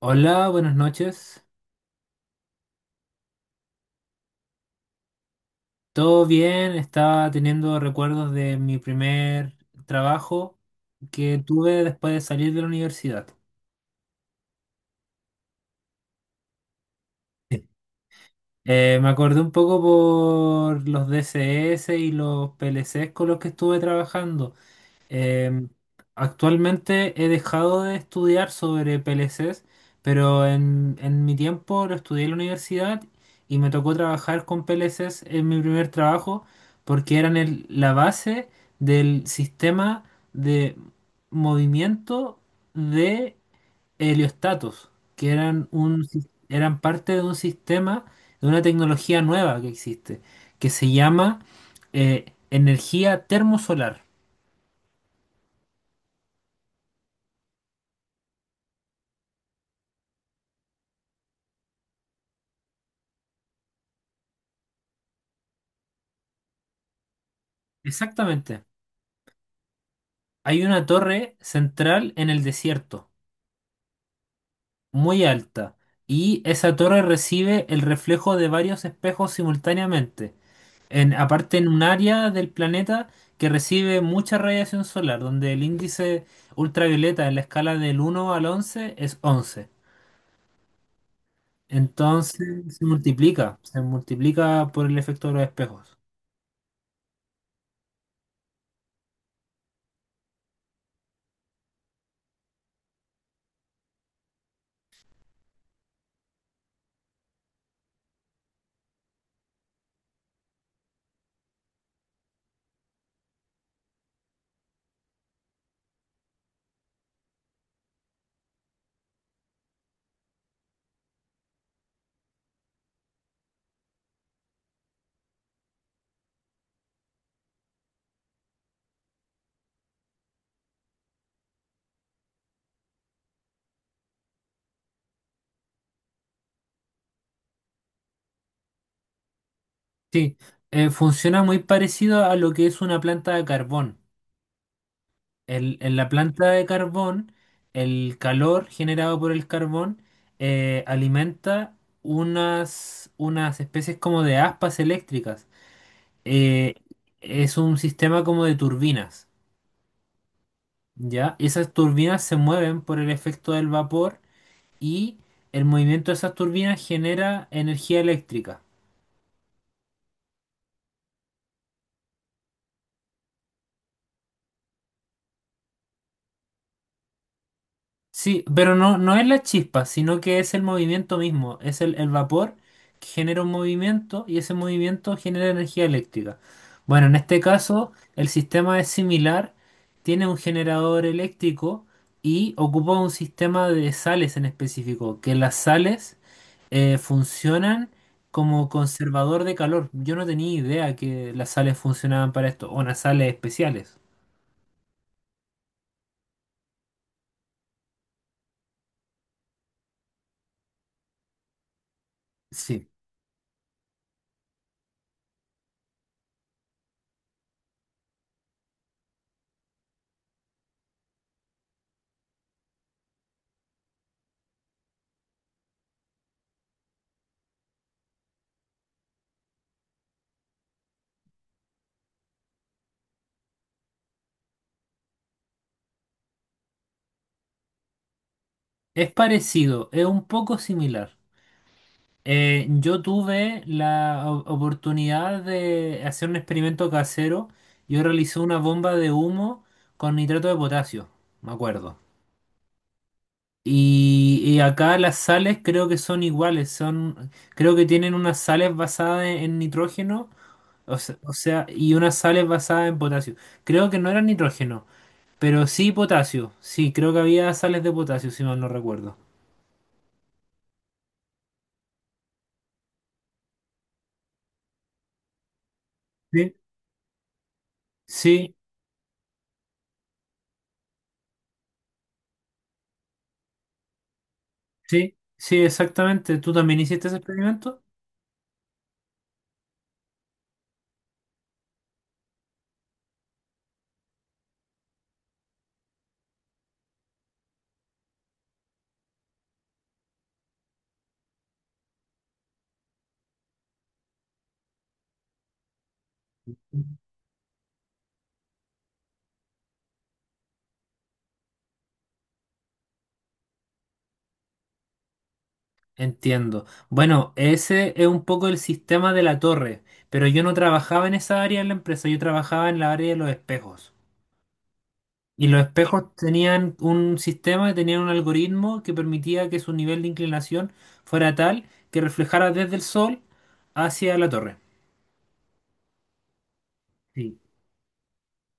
Hola, buenas noches. ¿Todo bien? Estaba teniendo recuerdos de mi primer trabajo que tuve después de salir de la universidad. Sí. Me acordé un poco por los DCS y los PLCs con los que estuve trabajando. Em, Actualmente he dejado de estudiar sobre PLCs, pero en mi tiempo lo estudié en la universidad y me tocó trabajar con PLCs en mi primer trabajo porque eran la base del sistema de movimiento de heliostatos, que eran, un, eran parte de un sistema, de una tecnología nueva que existe, que se llama energía termosolar. Exactamente. Hay una torre central en el desierto, muy alta, y esa torre recibe el reflejo de varios espejos simultáneamente. En, aparte, en un área del planeta que recibe mucha radiación solar, donde el índice ultravioleta en la escala del 1 al 11 es 11. Entonces se multiplica por el efecto de los espejos. Sí, funciona muy parecido a lo que es una planta de carbón. En la planta de carbón, el calor generado por el carbón alimenta unas especies como de aspas eléctricas. Eh, es un sistema como de turbinas, ¿ya? Esas turbinas se mueven por el efecto del vapor y el movimiento de esas turbinas genera energía eléctrica. Sí, pero no, no es la chispa, sino que es el movimiento mismo, es el vapor que genera un movimiento y ese movimiento genera energía eléctrica. Bueno, en este caso el sistema es similar, tiene un generador eléctrico y ocupa un sistema de sales en específico, que las sales funcionan como conservador de calor. Yo no tenía idea que las sales funcionaban para esto, o unas sales especiales. Sí, es parecido, es un poco similar. Yo tuve la oportunidad de hacer un experimento casero. Yo realicé una bomba de humo con nitrato de potasio, me acuerdo. Y acá las sales creo que son iguales, son, creo que tienen unas sales basadas en nitrógeno, o o sea, y unas sales basadas en potasio. Creo que no eran nitrógeno, pero sí potasio. Sí, creo que había sales de potasio, si mal no recuerdo. Sí, sí, sí, sí, exactamente. ¿Tú también hiciste ese experimento? Entiendo. Bueno, ese es un poco el sistema de la torre, pero yo no trabajaba en esa área de la empresa, yo trabajaba en la área de los espejos. Y los espejos tenían un sistema, tenían un algoritmo que permitía que su nivel de inclinación fuera tal que reflejara desde el sol hacia la torre. Sí.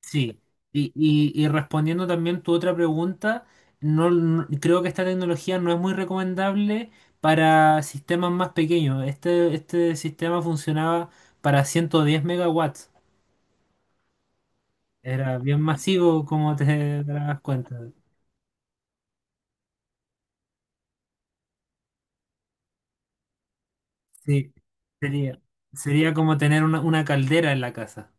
Sí, y respondiendo también tu otra pregunta, creo que esta tecnología no es muy recomendable para sistemas más pequeños. Este sistema funcionaba para 110 megawatts. Era bien masivo, como te darás cuenta. Sí, sería, sería como tener una caldera en la casa.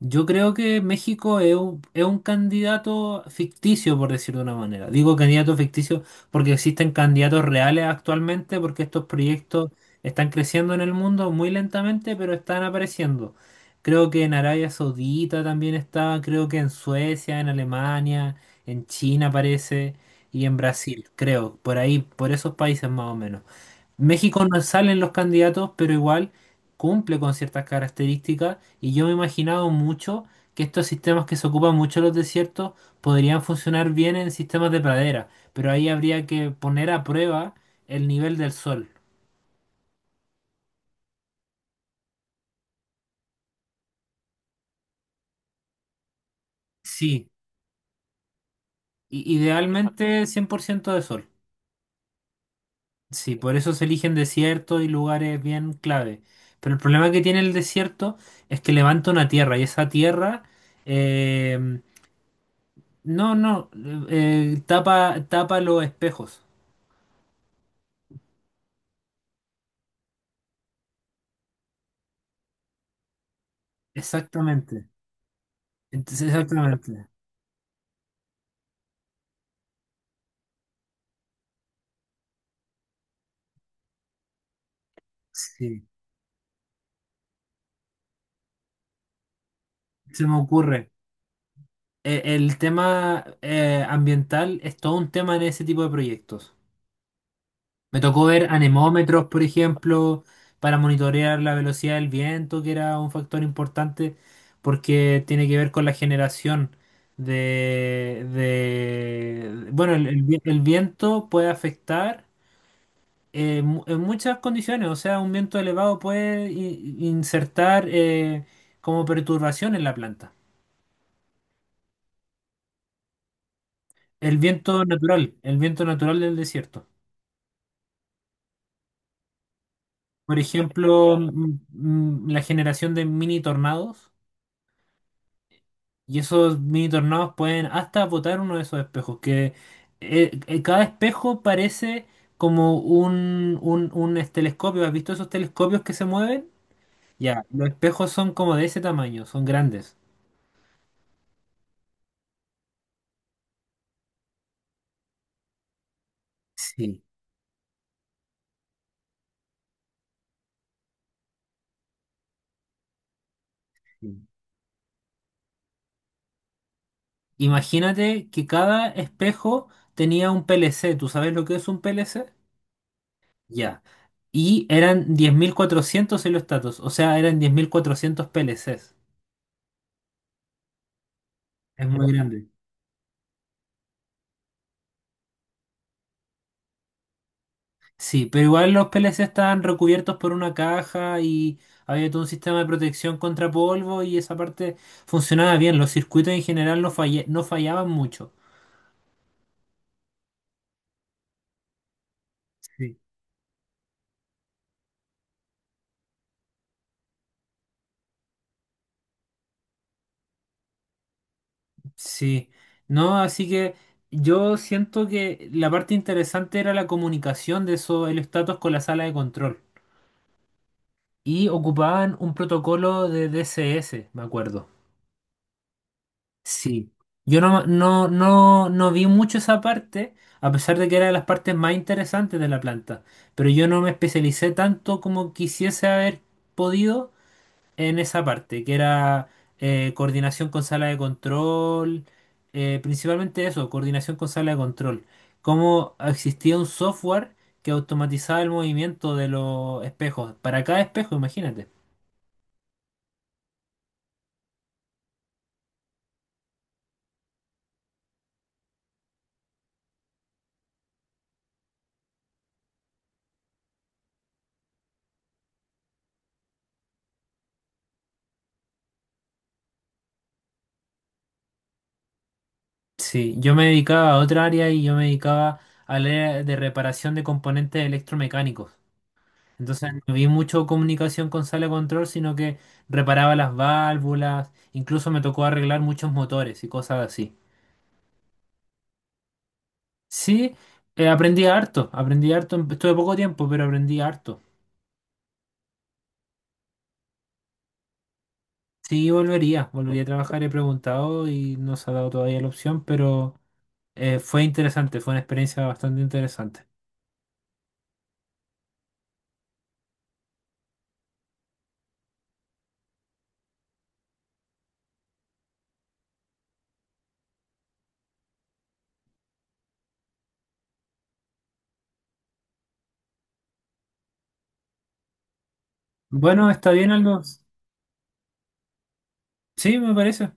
Yo creo que México es es un candidato ficticio, por decirlo de una manera. Digo candidato ficticio porque existen candidatos reales actualmente, porque estos proyectos están creciendo en el mundo muy lentamente, pero están apareciendo. Creo que en Arabia Saudita también está, creo que en Suecia, en Alemania, en China aparece, y en Brasil, creo, por ahí, por esos países más o menos. México no salen los candidatos, pero igual cumple con ciertas características y yo me he imaginado mucho que estos sistemas que se ocupan mucho en los desiertos podrían funcionar bien en sistemas de pradera, pero ahí habría que poner a prueba el nivel del sol. Sí, idealmente 100% de sol. Sí, por eso se eligen desiertos y lugares bien clave. Pero el problema que tiene el desierto es que levanta una tierra y esa tierra eh, no, no, tapa, tapa los espejos. Exactamente. Entonces, exactamente. Sí, se me ocurre. El tema ambiental es todo un tema en ese tipo de proyectos. Me tocó ver anemómetros, por ejemplo, para monitorear la velocidad del viento, que era un factor importante porque tiene que ver con la generación bueno, el viento puede afectar. En muchas condiciones, o sea, un viento elevado puede insertar como perturbación en la planta. El viento natural del desierto. Por ejemplo, la generación de mini tornados, y esos mini tornados pueden hasta botar uno de esos espejos, que cada espejo parece como un telescopio. ¿Has visto esos telescopios que se mueven? Ya, los espejos son como de ese tamaño, son grandes. Sí. Imagínate que cada espejo tenía un PLC. ¿Tú sabes lo que es un PLC? Ya. Y eran 10,400 heliostatos, o sea, eran 10,400 PLCs. Es muy grande. Sí, pero igual los PLC estaban recubiertos por una caja y había todo un sistema de protección contra polvo y esa parte funcionaba bien. Los circuitos en general no no fallaban mucho. Sí. Sí, no, así que yo siento que la parte interesante era la comunicación de eso, el status con la sala de control. Y ocupaban un protocolo de DSS, me acuerdo. Sí. Yo no, no vi mucho esa parte, a pesar de que era de las partes más interesantes de la planta. Pero yo no me especialicé tanto como quisiese haber podido en esa parte, que era coordinación con sala de control, principalmente eso, coordinación con sala de control. Cómo existía un software que automatizaba el movimiento de los espejos, para cada espejo, imagínate. Sí, yo me dedicaba a otra área y yo me dedicaba al área de reparación de componentes electromecánicos. Entonces no vi mucho comunicación con sala de control, sino que reparaba las válvulas, incluso me tocó arreglar muchos motores y cosas así. Sí, aprendí harto, estuve poco tiempo, pero aprendí harto. Sí, volvería, volvería a trabajar, he preguntado y no se ha dado todavía la opción, pero fue interesante, fue una experiencia bastante interesante. Bueno, está bien, Aldo. Sí, me parece.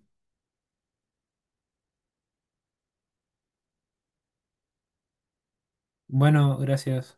Bueno, gracias.